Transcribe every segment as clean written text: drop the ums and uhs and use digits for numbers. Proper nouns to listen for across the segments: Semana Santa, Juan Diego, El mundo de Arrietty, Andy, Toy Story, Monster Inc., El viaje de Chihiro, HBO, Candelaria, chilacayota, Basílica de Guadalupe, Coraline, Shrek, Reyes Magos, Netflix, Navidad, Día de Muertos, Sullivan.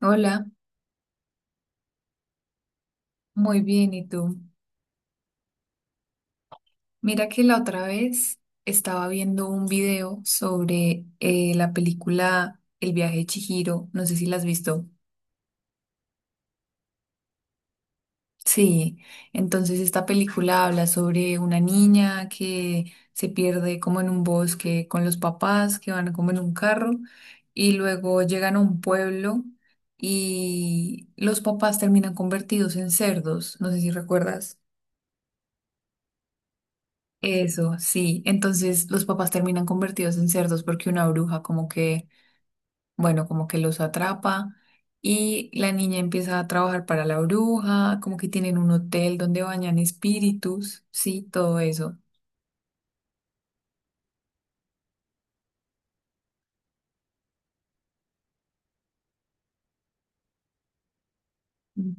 Hola, muy bien, ¿y tú? Mira que la otra vez estaba viendo un video sobre la película El viaje de Chihiro, no sé si la has visto. Sí, entonces esta película habla sobre una niña que se pierde como en un bosque con los papás que van como en un carro y luego llegan a un pueblo y los papás terminan convertidos en cerdos, no sé si recuerdas. Eso, sí. Entonces los papás terminan convertidos en cerdos porque una bruja como que, bueno, como que los atrapa y la niña empieza a trabajar para la bruja, como que tienen un hotel donde bañan espíritus, sí, todo eso. Mm.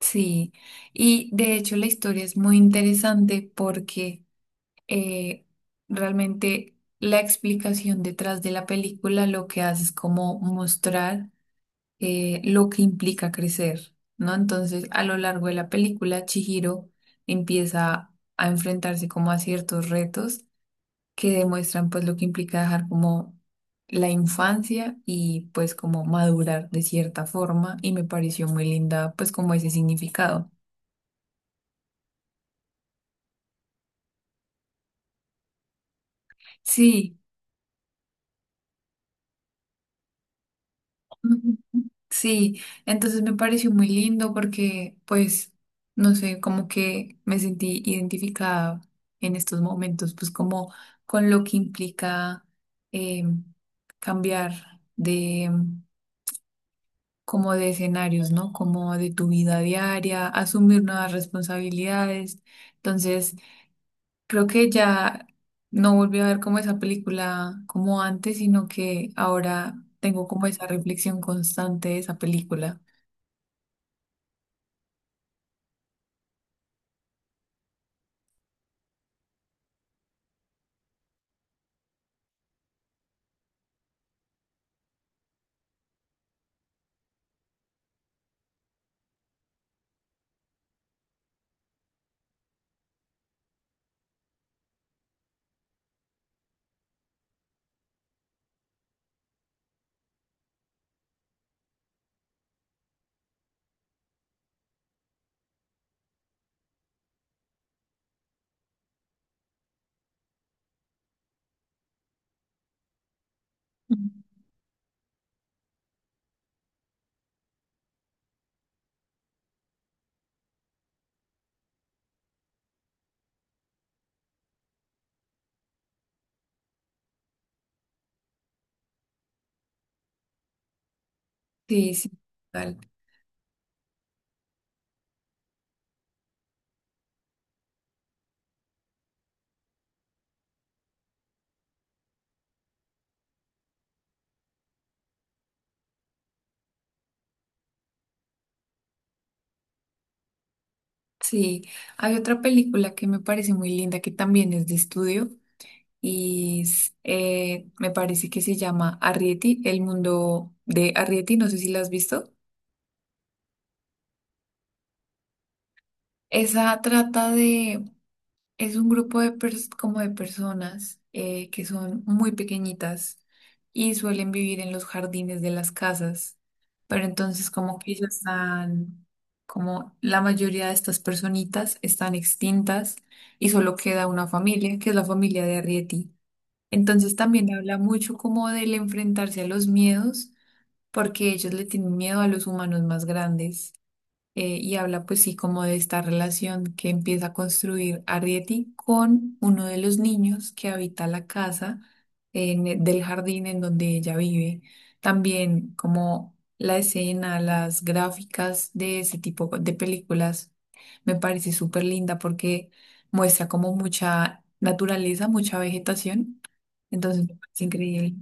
Sí. Y de hecho la historia es muy interesante porque eh, realmente la explicación detrás de la película lo que hace es como mostrar lo que implica crecer, ¿no? Entonces, a lo largo de la película, Chihiro empieza a enfrentarse como a ciertos retos que demuestran pues lo que implica dejar como la infancia y pues como madurar de cierta forma y me pareció muy linda pues como ese significado. Sí. Sí, entonces me pareció muy lindo porque, pues, no sé, como que me sentí identificada en estos momentos, pues como con lo que implica eh, cambiar de como de escenarios, ¿no? Como de tu vida diaria, asumir nuevas responsabilidades. Entonces, creo que ya no volví a ver como esa película como antes, sino que ahora tengo como esa reflexión constante de esa película. Sí, sí, total. Sí, hay otra película que me parece muy linda que también es de estudio y es, me parece que se llama Arrietty, El mundo de Arrietty, no sé si la has visto. Esa trata de Es un grupo de como de personas, que son muy pequeñitas y suelen vivir en los jardines de las casas, pero entonces como que ellas están, como la mayoría de estas personitas están extintas y solo queda una familia, que es la familia de Arrietty. Entonces también habla mucho como del enfrentarse a los miedos, porque ellos le tienen miedo a los humanos más grandes y habla pues sí como de esta relación que empieza a construir Arrietty con uno de los niños que habita la casa en del jardín en donde ella vive. También como la escena, las gráficas de ese tipo de películas me parece súper linda porque muestra como mucha naturaleza, mucha vegetación. Entonces me parece increíble.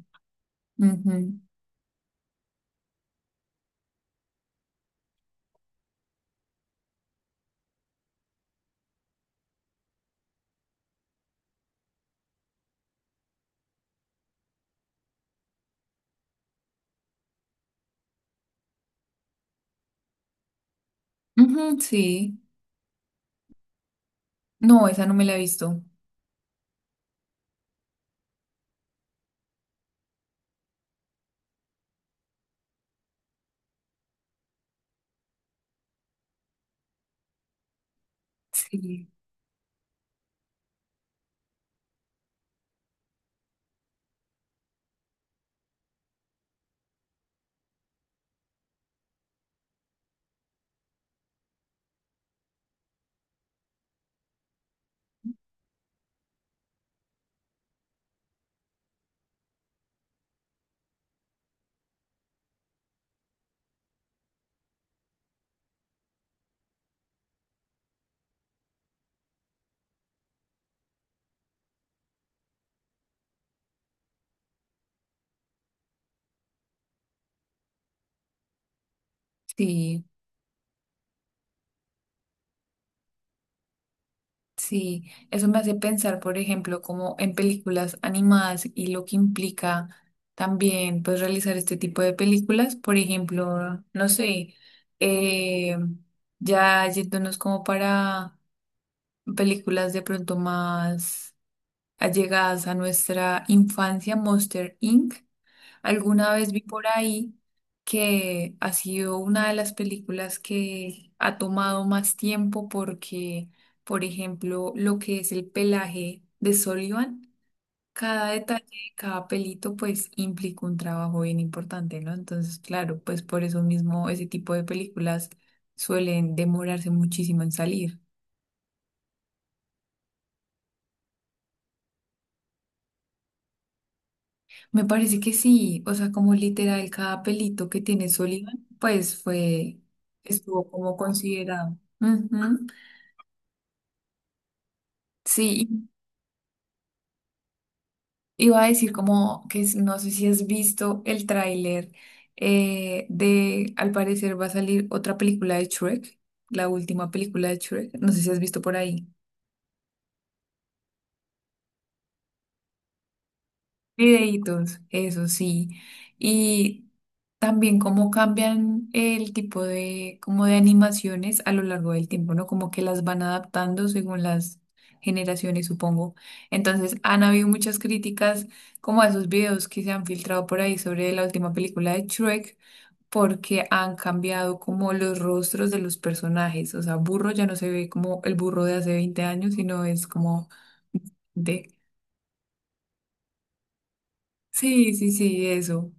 Ujú. Ujú, sí. No, esa no me la he visto. Sí, sí. Sí, eso me hace pensar, por ejemplo, como en películas animadas y lo que implica también, pues, realizar este tipo de películas. Por ejemplo, no sé, eh, ya yéndonos como para películas de pronto más allegadas a nuestra infancia, Monster Inc. Alguna vez vi por ahí que ha sido una de las películas que ha tomado más tiempo porque, por ejemplo, lo que es el pelaje de Sullivan, cada detalle, cada pelito, pues implica un trabajo bien importante, ¿no? Entonces, claro, pues por eso mismo ese tipo de películas suelen demorarse muchísimo en salir. Me parece que sí, o sea, como literal cada pelito que tiene Sullivan, pues fue, estuvo como considerado. Ujú. Sí, iba a decir como que no sé si has visto el tráiler al parecer va a salir otra película de Shrek, la última película de Shrek, no sé si has visto por ahí. Videitos, eso sí. Y también cómo cambian el tipo de, como de animaciones a lo largo del tiempo, ¿no? Como que las van adaptando según las generaciones, supongo. Entonces, han habido muchas críticas como a esos videos que se han filtrado por ahí sobre la última película de Shrek, porque han cambiado como los rostros de los personajes. O sea, Burro ya no se ve como el burro de hace 20 años, sino es como de... Sí, sí, sí, eso.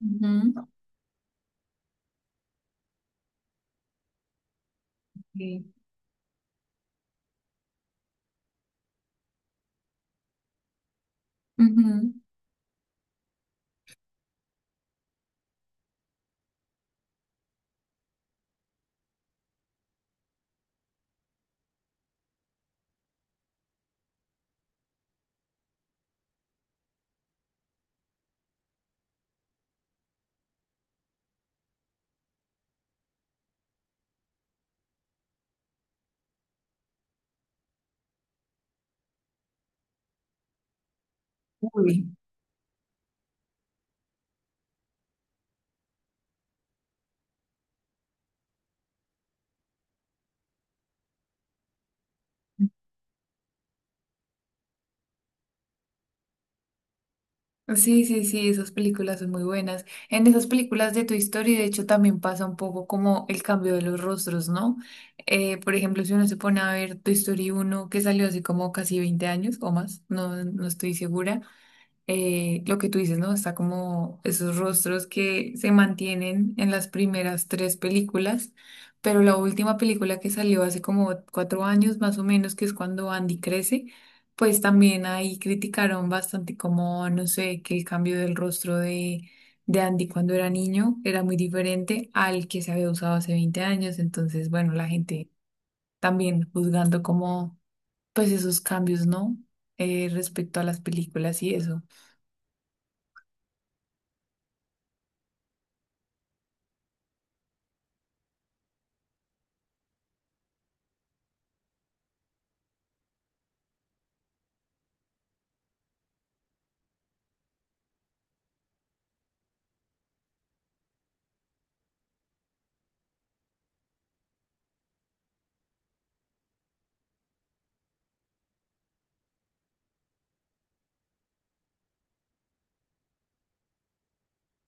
Ujú. Ok. Ujú. Uy. Sí, sí, sí, esas películas son muy buenas. En esas películas de Toy Story, de hecho, también pasa un poco como el cambio de los rostros, ¿no? Por ejemplo, si uno se pone a ver Toy Story uno que salió hace como casi 20 años o más, no, no estoy segura, lo que tú dices, ¿no? Está como esos rostros que se mantienen en las primeras tres películas, pero la última película que salió hace como 4 años más o menos, que es cuando Andy crece, pues también ahí criticaron bastante como, no sé, que el cambio del rostro de Andy cuando era niño era muy diferente al que se había usado hace 20 años, entonces, bueno, la gente también juzgando como, pues esos cambios, ¿no? Respecto a las películas y eso.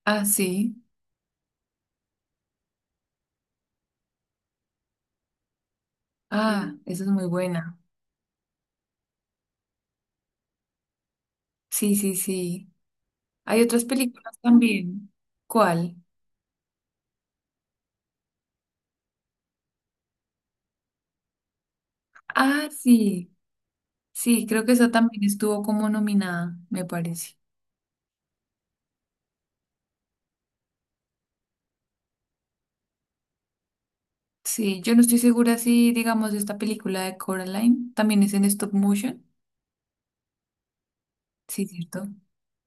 Ah, sí. Ah, sí. Esa es muy buena. Sí, sí, sí. Hay otras películas también. ¿Cuál? Ah, sí. Sí, creo que esa también estuvo como nominada, me parece. Sí, yo no estoy segura si, digamos, esta película de Coraline también es en stop motion. Sí, cierto.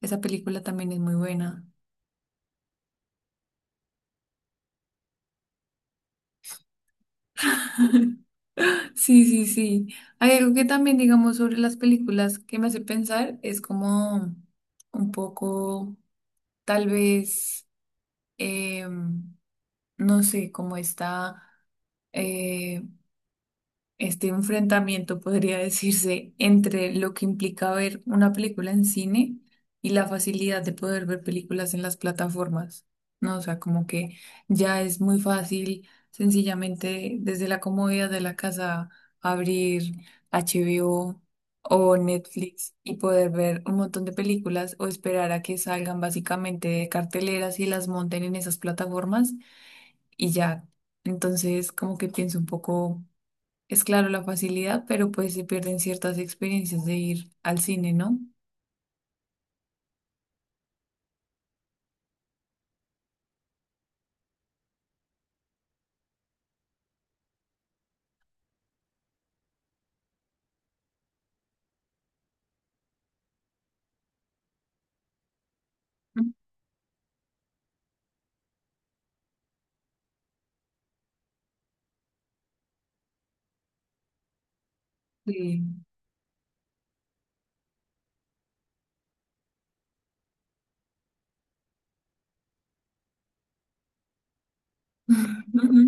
Esa película también es muy buena. Sí, sí, sí. Hay algo que también, digamos, sobre las películas que me hace pensar es como un poco, tal vez. em, no sé, como está este enfrentamiento, podría decirse, entre lo que implica ver una película en cine y la facilidad de poder ver películas en las plataformas, ¿no? O sea, como que ya es muy fácil, sencillamente desde la comodidad de la casa, abrir HBO o Netflix y poder ver un montón de películas o esperar a que salgan básicamente de carteleras y las monten en esas plataformas y ya. Entonces, como que pienso un poco, es claro la facilidad, pero pues se pierden ciertas experiencias de ir al cine, ¿no? Sí. Ujú.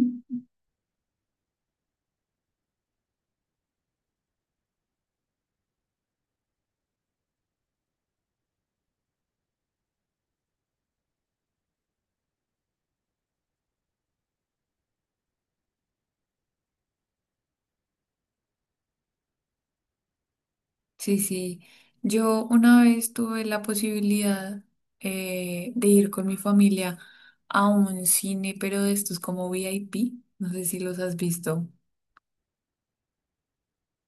Sí, sí. Yo una vez tuve la posibilidad de ir con mi familia a un cine, pero de estos como VIP, no sé si los has visto.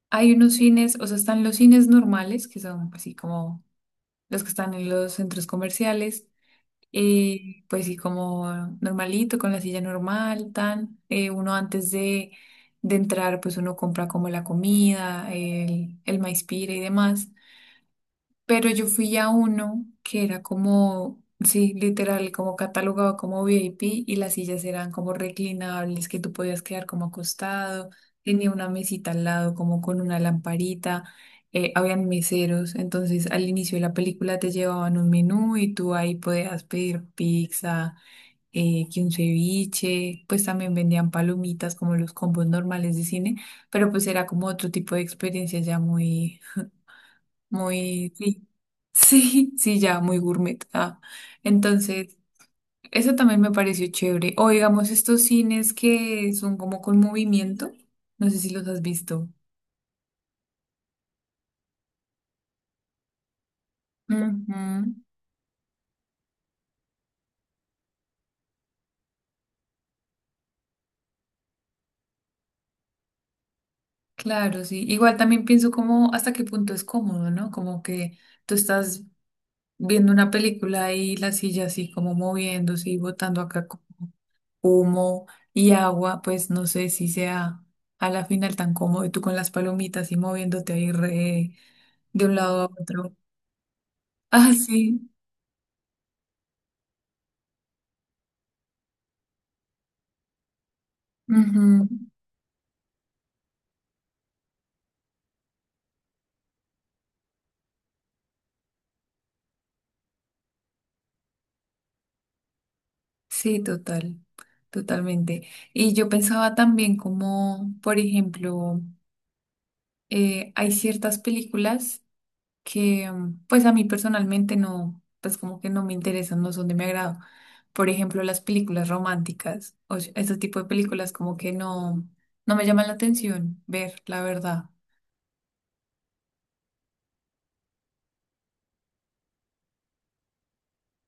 Hay unos cines, o sea, están los cines normales, que son así como los que están en los centros comerciales, pues sí, como normalito, con la silla normal, tan. Uno antes de entrar, pues uno compra como la comida, el maíz pira y demás. Pero yo fui a uno que era como, sí, literal, como catalogado como VIP y las sillas eran como reclinables, que tú podías quedar como acostado, tenía una mesita al lado como con una lamparita, habían meseros, entonces al inicio de la película te llevaban un menú y tú ahí podías pedir pizza, que un ceviche, pues también vendían palomitas como los combos normales de cine, pero pues era como otro tipo de experiencia ya muy muy, sí, sí, sí, ya, muy gourmet. Ah. Entonces, eso también me pareció chévere. O digamos, estos cines que son como con movimiento, no sé si los has visto. Ujú, claro, sí. Igual también pienso como hasta qué punto es cómodo, ¿no? Como que tú estás viendo una película y la silla así como moviéndose y botando acá. Como humo y agua, pues no sé si sea a la final tan cómodo y tú con las palomitas y moviéndote ahí de un lado a otro. Ah, sí. Ujú, sí, total, totalmente. Y yo pensaba también como, por ejemplo, hay ciertas películas que pues a mí personalmente no, pues como que no me interesan, no son de mi agrado. Por ejemplo, las películas románticas o ese tipo de películas como que no, no me llaman la atención ver, la verdad.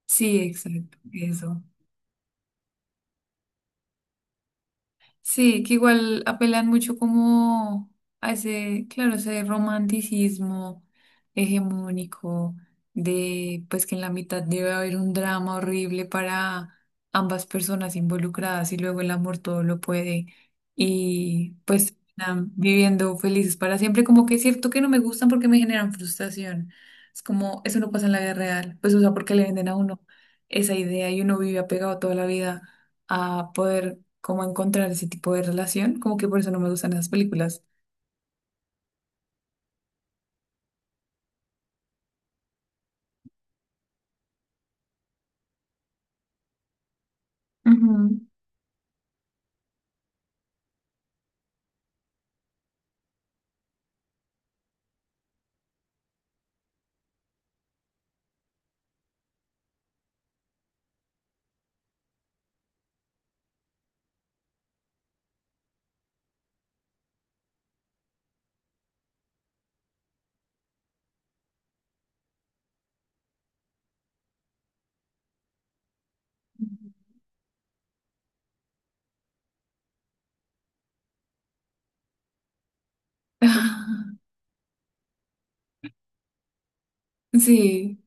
Sí, exacto, eso. Sí, que igual apelan mucho como a ese, claro, ese romanticismo hegemónico de pues que en la mitad debe haber un drama horrible para ambas personas involucradas y luego el amor todo lo puede y pues terminan viviendo felices para siempre, como que es cierto que no me gustan porque me generan frustración. Es como, eso no pasa en la vida real, pues o sea, porque le venden a uno esa idea y uno vive apegado toda la vida a poder como encontrar ese tipo de relación, como que por eso no me gustan esas películas. Ujú. Sí,